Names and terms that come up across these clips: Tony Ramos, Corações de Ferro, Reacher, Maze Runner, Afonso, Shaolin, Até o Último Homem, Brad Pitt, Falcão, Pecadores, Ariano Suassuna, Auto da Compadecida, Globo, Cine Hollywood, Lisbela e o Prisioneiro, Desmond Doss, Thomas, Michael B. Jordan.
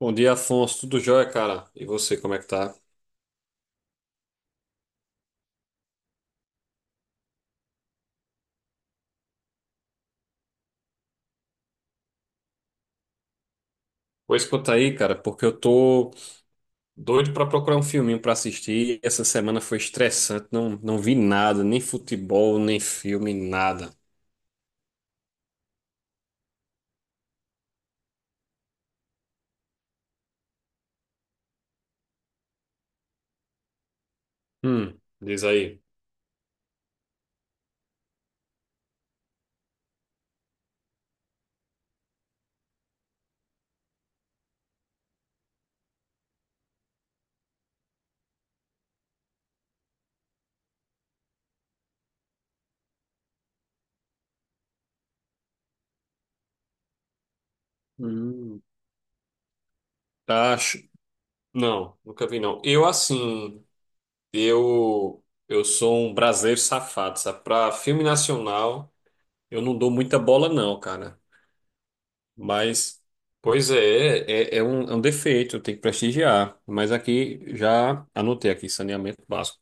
Bom dia, Afonso. Tudo jóia, cara? E você, como é que tá? Pô, escuta aí, cara, porque eu tô doido pra procurar um filminho pra assistir. Essa semana foi estressante, não vi nada, nem futebol, nem filme, nada. Diz aí. Hum, Acho. Não, nunca vi não. Eu assim, eu sou um brasileiro safado, sabe? Pra filme nacional, eu não dou muita bola não, cara. Mas, pois é, é um defeito, tem que prestigiar. Mas aqui, já anotei aqui, saneamento básico.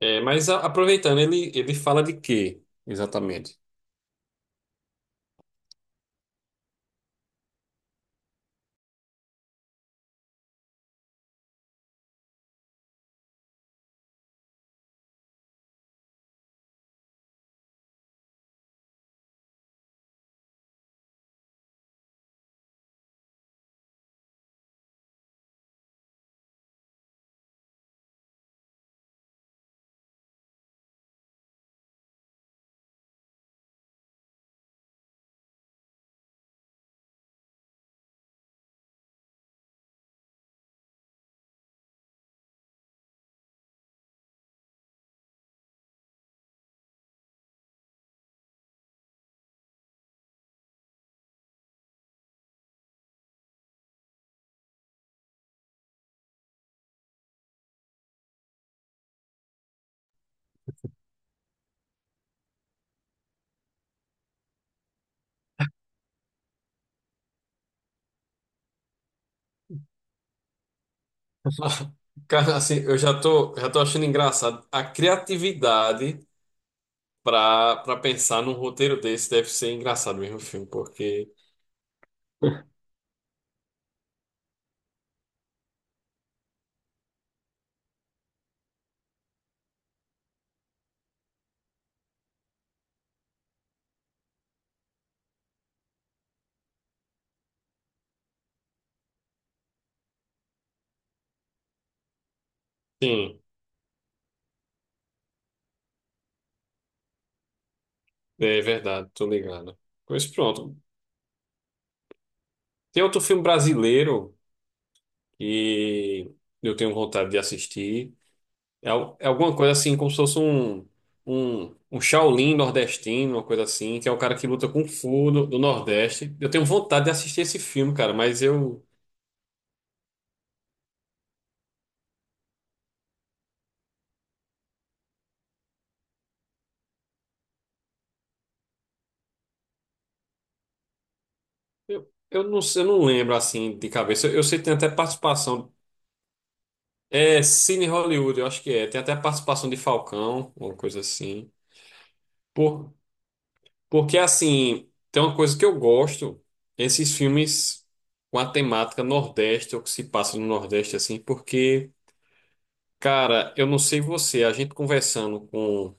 É, mas aproveitando, ele fala de quê, exatamente? Cara, assim, já tô achando engraçado. A criatividade para pensar num roteiro desse deve ser engraçado mesmo o filme, porque, sim, é verdade, tô ligado. Pois pronto. Tem outro filme brasileiro que eu tenho vontade de assistir. É, é alguma coisa assim, como se fosse um Shaolin nordestino, uma coisa assim, que é o cara que luta com Fu do Nordeste. Eu tenho vontade de assistir esse filme, cara, mas eu não lembro assim de cabeça. Eu sei que tem até participação. É Cine Hollywood, eu acho que é. Tem até participação de Falcão, uma coisa assim. Por, porque assim, tem uma coisa que eu gosto, esses filmes com a temática Nordeste, ou que se passa no Nordeste, assim, porque. Cara, eu não sei você, a gente conversando com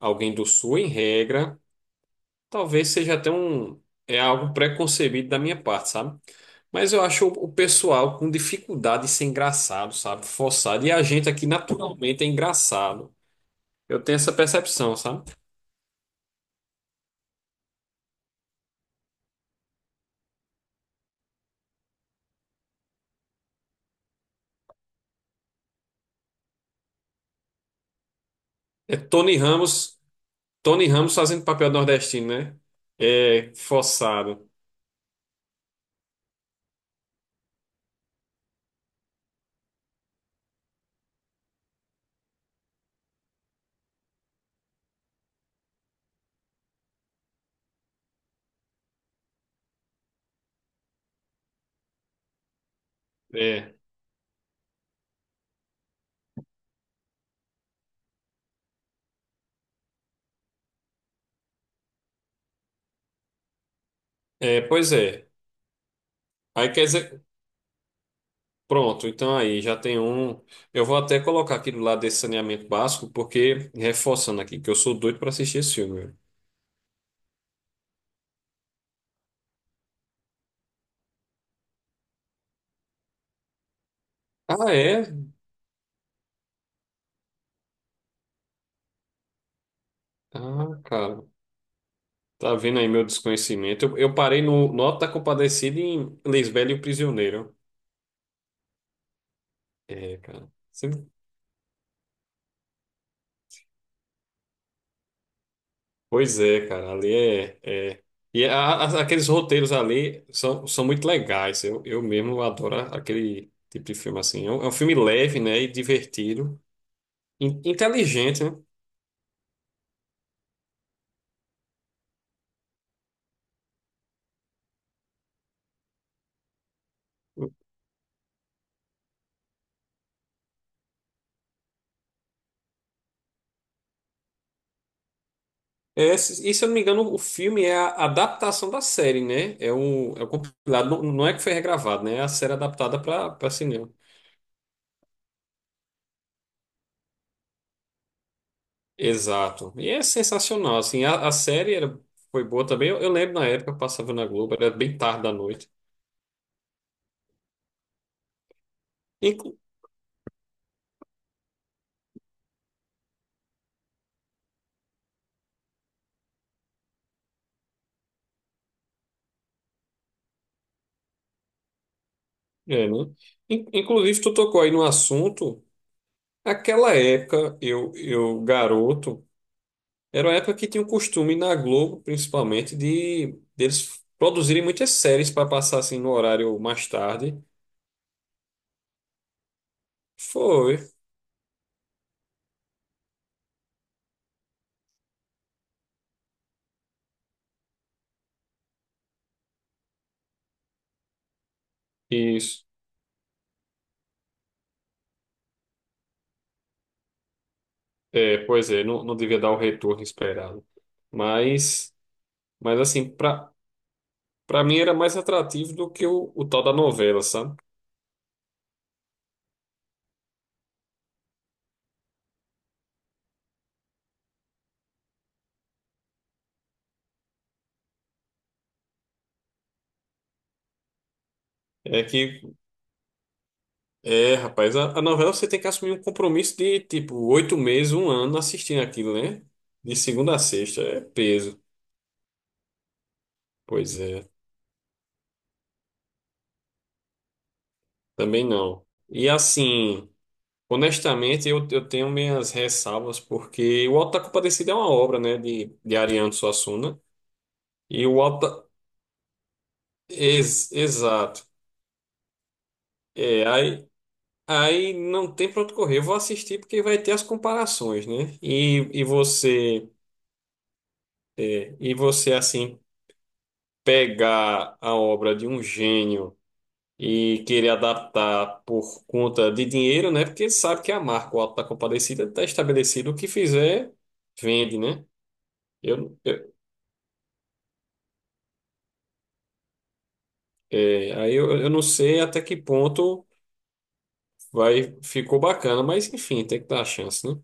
alguém do Sul, em regra, talvez seja até é algo preconcebido da minha parte, sabe? Mas eu acho o pessoal com dificuldade de ser engraçado, sabe? Forçado. E a gente aqui naturalmente é engraçado. Eu tenho essa percepção, sabe? É Tony Ramos, Tony Ramos fazendo papel nordestino, né? É forçado. É, pois é. Aí quer dizer, pronto, então aí já tem um. Eu vou até colocar aqui do lado desse saneamento básico, porque, reforçando aqui, que eu sou doido para assistir esse filme, velho. Ah, é? Ah, cara. Tá vendo aí meu desconhecimento? Eu parei no Nota da Compadecida em Lisbela e o Prisioneiro. É, cara. Pois é, cara. Ali é. É... E aqueles roteiros ali são muito legais. Eu mesmo adoro aquele tipo de filme assim. É um filme leve, né? E divertido. In- Inteligente, né? É, se, e se eu não me engano, o filme é a adaptação da série, né? É o compilado, não é que foi regravado, né? É a série adaptada para cinema. Exato. E é sensacional, assim, a série foi boa também. Eu lembro na época, eu passava na Globo, era bem tarde da noite. Inclu- é, né? Inclusive, tu tocou aí no assunto. Aquela época, eu garoto, era uma época que tinha o costume na Globo, principalmente, de deles produzirem muitas séries para passar assim no horário mais tarde. Foi. Isso. É, pois é, não devia dar o retorno esperado. Mas, mas assim, pra mim era mais atrativo do que o tal da novela, sabe? É que, é, rapaz, a novela você tem que assumir um compromisso de, tipo, oito meses, um ano assistindo aquilo, né? De segunda a sexta, é peso. Pois é, também não. E assim, honestamente, eu tenho minhas ressalvas, porque o Auto da Compadecida é uma obra, né, de Ariano Suassuna. E o Auto, exato. É, aí, aí não tem para onde correr. Eu vou assistir porque vai ter as comparações, né? E você, é, e você assim pegar a obra de um gênio e querer adaptar por conta de dinheiro, né? Porque sabe que a marca, o Auto da Compadecida, está estabelecido. O que fizer, vende, né? Eu, eu- é, aí eu não sei até que ponto vai ficou bacana, mas enfim, tem que dar a chance, né?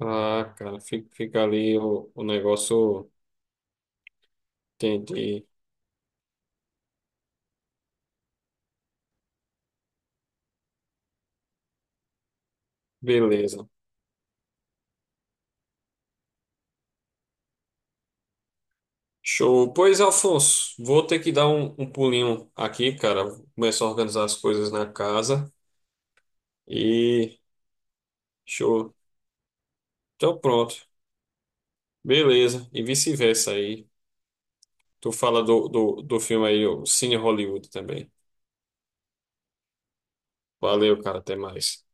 Ah, cara, fica, fica ali o negócio. Entendi. Beleza. Show. Pois, Alfonso, vou ter que dar um pulinho aqui, cara. Vou começar a organizar as coisas na casa. E show. Então, pronto. Beleza. E vice-versa aí. Tu fala do filme aí, o Cine Hollywood também. Valeu, cara. Até mais.